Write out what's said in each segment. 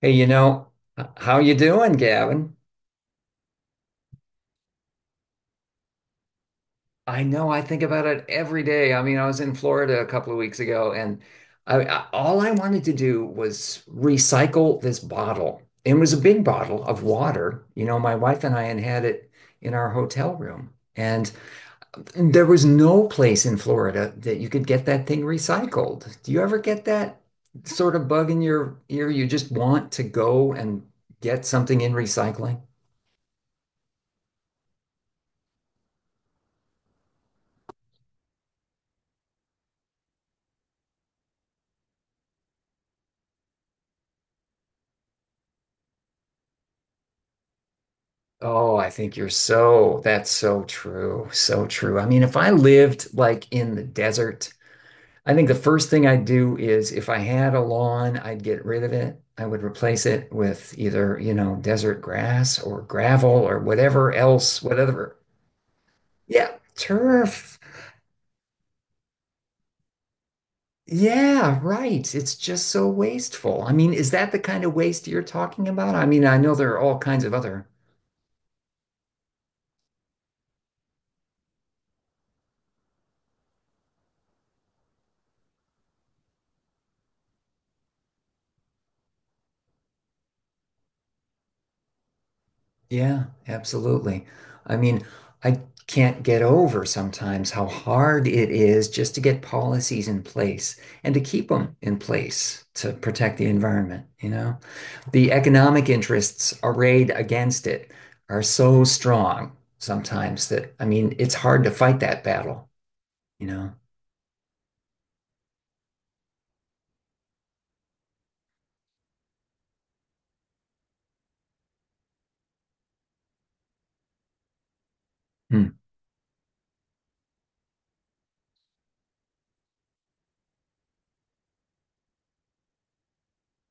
Hey, how you doing, Gavin? I know, I think about it every day. I mean, I was in Florida a couple of weeks ago, and all I wanted to do was recycle this bottle. It was a big bottle of water. My wife and I had had it in our hotel room. And there was no place in Florida that you could get that thing recycled. Do you ever get that sort of bug in your ear? You just want to go and get something in recycling? Oh, I think you're so, that's so true. So true. I mean, if I lived like in the desert, I think the first thing I'd do is if I had a lawn, I'd get rid of it. I would replace it with either, desert grass or gravel or whatever else, whatever. Yeah, turf. Yeah, right. It's just so wasteful. I mean, is that the kind of waste you're talking about? I mean, I know there are all kinds of other. Yeah, absolutely. I mean, I can't get over sometimes how hard it is just to get policies in place and to keep them in place to protect the environment, you know? The economic interests arrayed against it are so strong sometimes that, I mean, it's hard to fight that battle, you know?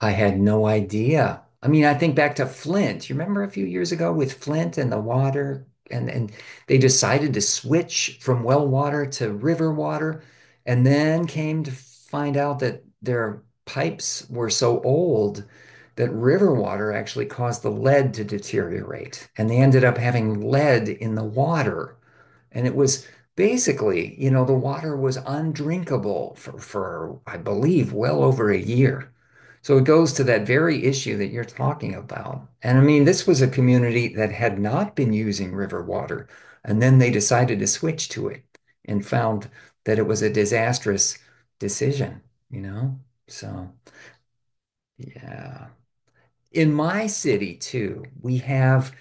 I had no idea. I mean, I think back to Flint. You remember a few years ago with Flint and the water, and they decided to switch from well water to river water, and then came to find out that their pipes were so old that river water actually caused the lead to deteriorate, and they ended up having lead in the water. And it was basically, the water was undrinkable for I believe, well over a year. So it goes to that very issue that you're talking about. And I mean, this was a community that had not been using river water, and then they decided to switch to it and found that it was a disastrous decision, you know? So, yeah. In my city, too, we have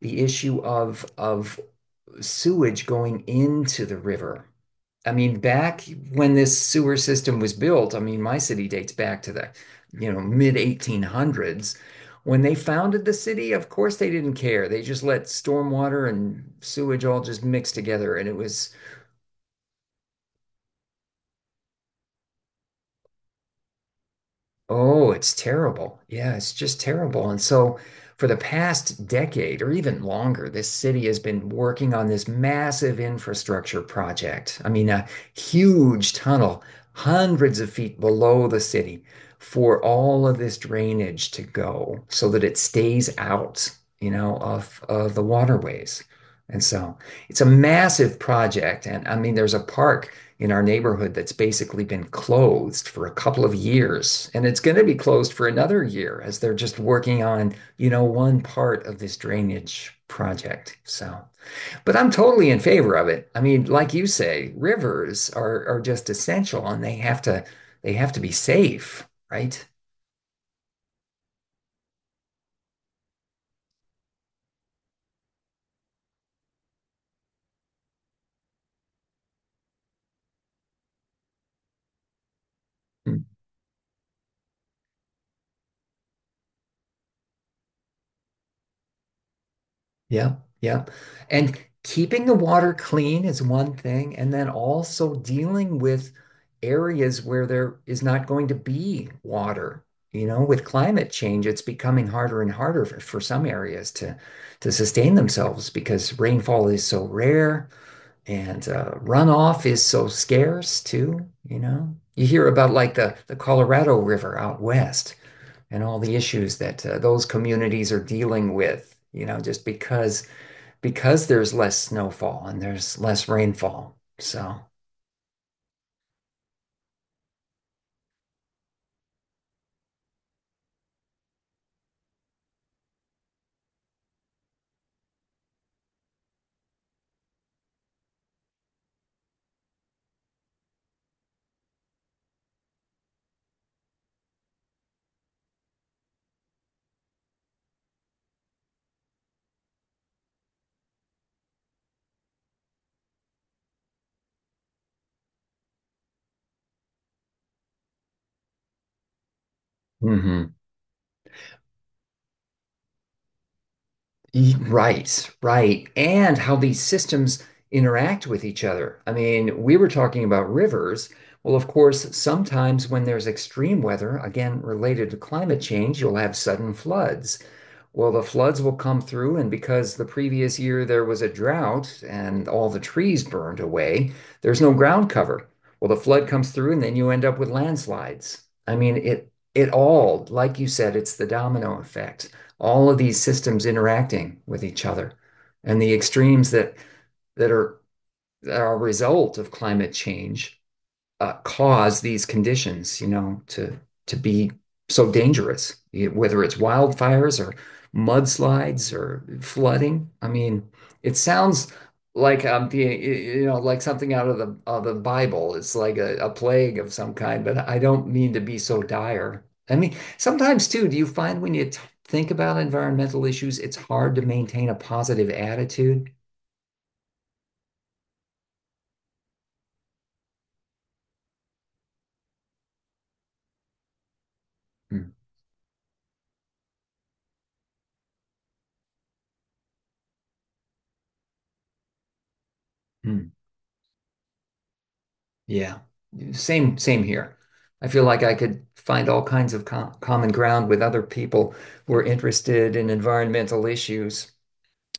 the issue of sewage going into the river. I mean, back when this sewer system was built, I mean, my city dates back to the mid 1800s. When they founded the city, of course they didn't care. They just let stormwater and sewage all just mix together, and it was. Oh, it's terrible. Yeah, it's just terrible. And so, for the past decade or even longer, this city has been working on this massive infrastructure project. I mean, a huge tunnel, hundreds of feet below the city, for all of this drainage to go so that it stays out of the waterways. And so, it's a massive project. And I mean, there's a park in our neighborhood that's basically been closed for a couple of years. And it's going to be closed for another year as they're just working on, one part of this drainage project. So, but I'm totally in favor of it. I mean, like you say, rivers are just essential, and they have to be safe, right? Yeah, yeah. And keeping the water clean is one thing, and then also dealing with areas where there is not going to be water. With climate change, it's becoming harder and harder for some areas to sustain themselves because rainfall is so rare, and runoff is so scarce too, you know. You hear about like the Colorado River out west, and all the issues that those communities are dealing with, just because there's less snowfall and there's less rainfall. So. Mhm. Right, right. And how these systems interact with each other. I mean, we were talking about rivers. Well, of course, sometimes when there's extreme weather, again related to climate change, you'll have sudden floods. Well, the floods will come through, and because the previous year there was a drought and all the trees burned away, there's no ground cover. Well, the flood comes through, and then you end up with landslides. I mean, it all, like you said, it's the domino effect. All of these systems interacting with each other, and the extremes that are that are a result of climate change cause these conditions, to be so dangerous, whether it's wildfires or mudslides or flooding. I mean, it sounds like something out of the Bible. It's like a plague of some kind, but I don't mean to be so dire. I mean, sometimes too, do you find when you t think about environmental issues, it's hard to maintain a positive attitude? Mm, mm. Yeah. Same, same here. I feel like I could find all kinds of common ground with other people who are interested in environmental issues.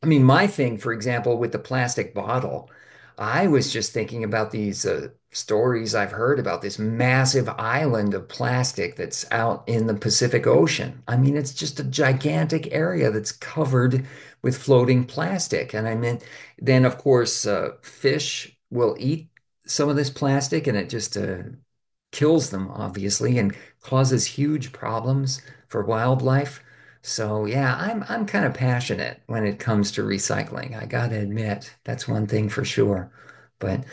I mean, my thing, for example, with the plastic bottle, I was just thinking about these stories I've heard about this massive island of plastic that's out in the Pacific Ocean. I mean, it's just a gigantic area that's covered with floating plastic. And I mean, then of course, fish will eat some of this plastic, and it just kills them, obviously, and causes huge problems for wildlife. So yeah, I'm kind of passionate when it comes to recycling. I gotta admit, that's one thing for sure. But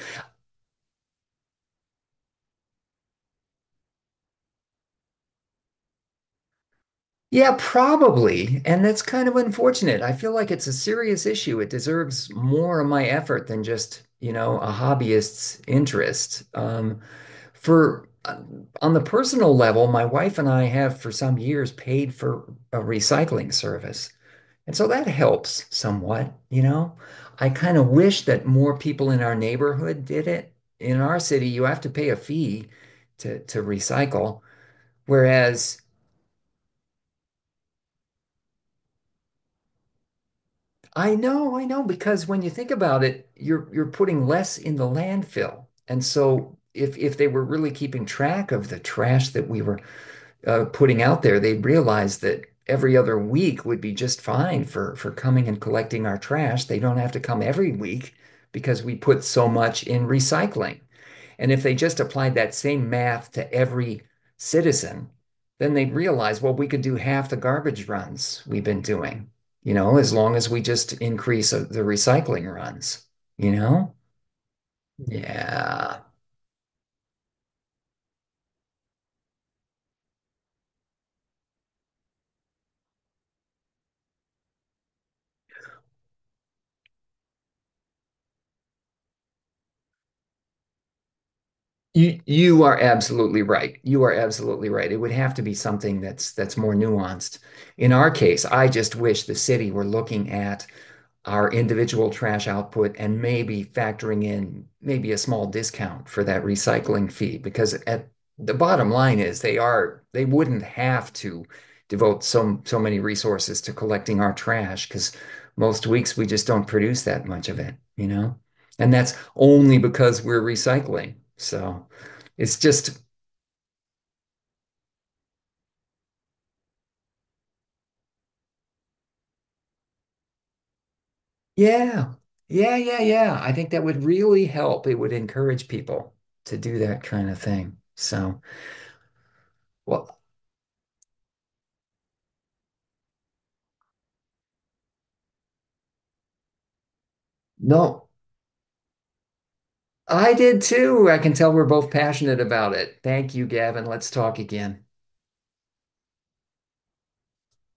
yeah, probably. And that's kind of unfortunate. I feel like it's a serious issue. It deserves more of my effort than just, a hobbyist's interest. For On the personal level, my wife and I have for some years paid for a recycling service. And so that helps somewhat. I kind of wish that more people in our neighborhood did it. In our city, you have to pay a fee to recycle, whereas. I know, because when you think about it, you're putting less in the landfill. And so if they were really keeping track of the trash that we were putting out there, they'd realize that every other week would be just fine for coming and collecting our trash. They don't have to come every week because we put so much in recycling. And if they just applied that same math to every citizen, then they'd realize, well, we could do half the garbage runs we've been doing, as long as we just increase the recycling runs, you know? Yeah. You are absolutely right. You are absolutely right. It would have to be something that's more nuanced. In our case, I just wish the city were looking at our individual trash output, and maybe factoring in maybe a small discount for that recycling fee, because at the bottom line is, they wouldn't have to devote so many resources to collecting our trash, because most weeks we just don't produce that much of it. And that's only because we're recycling. So, it's just, yeah, yeah, yeah, yeah, I think that would really help. It would encourage people to do that kind of thing. So. Well. No, I did too. I can tell we're both passionate about it. Thank you, Gavin. Let's talk again.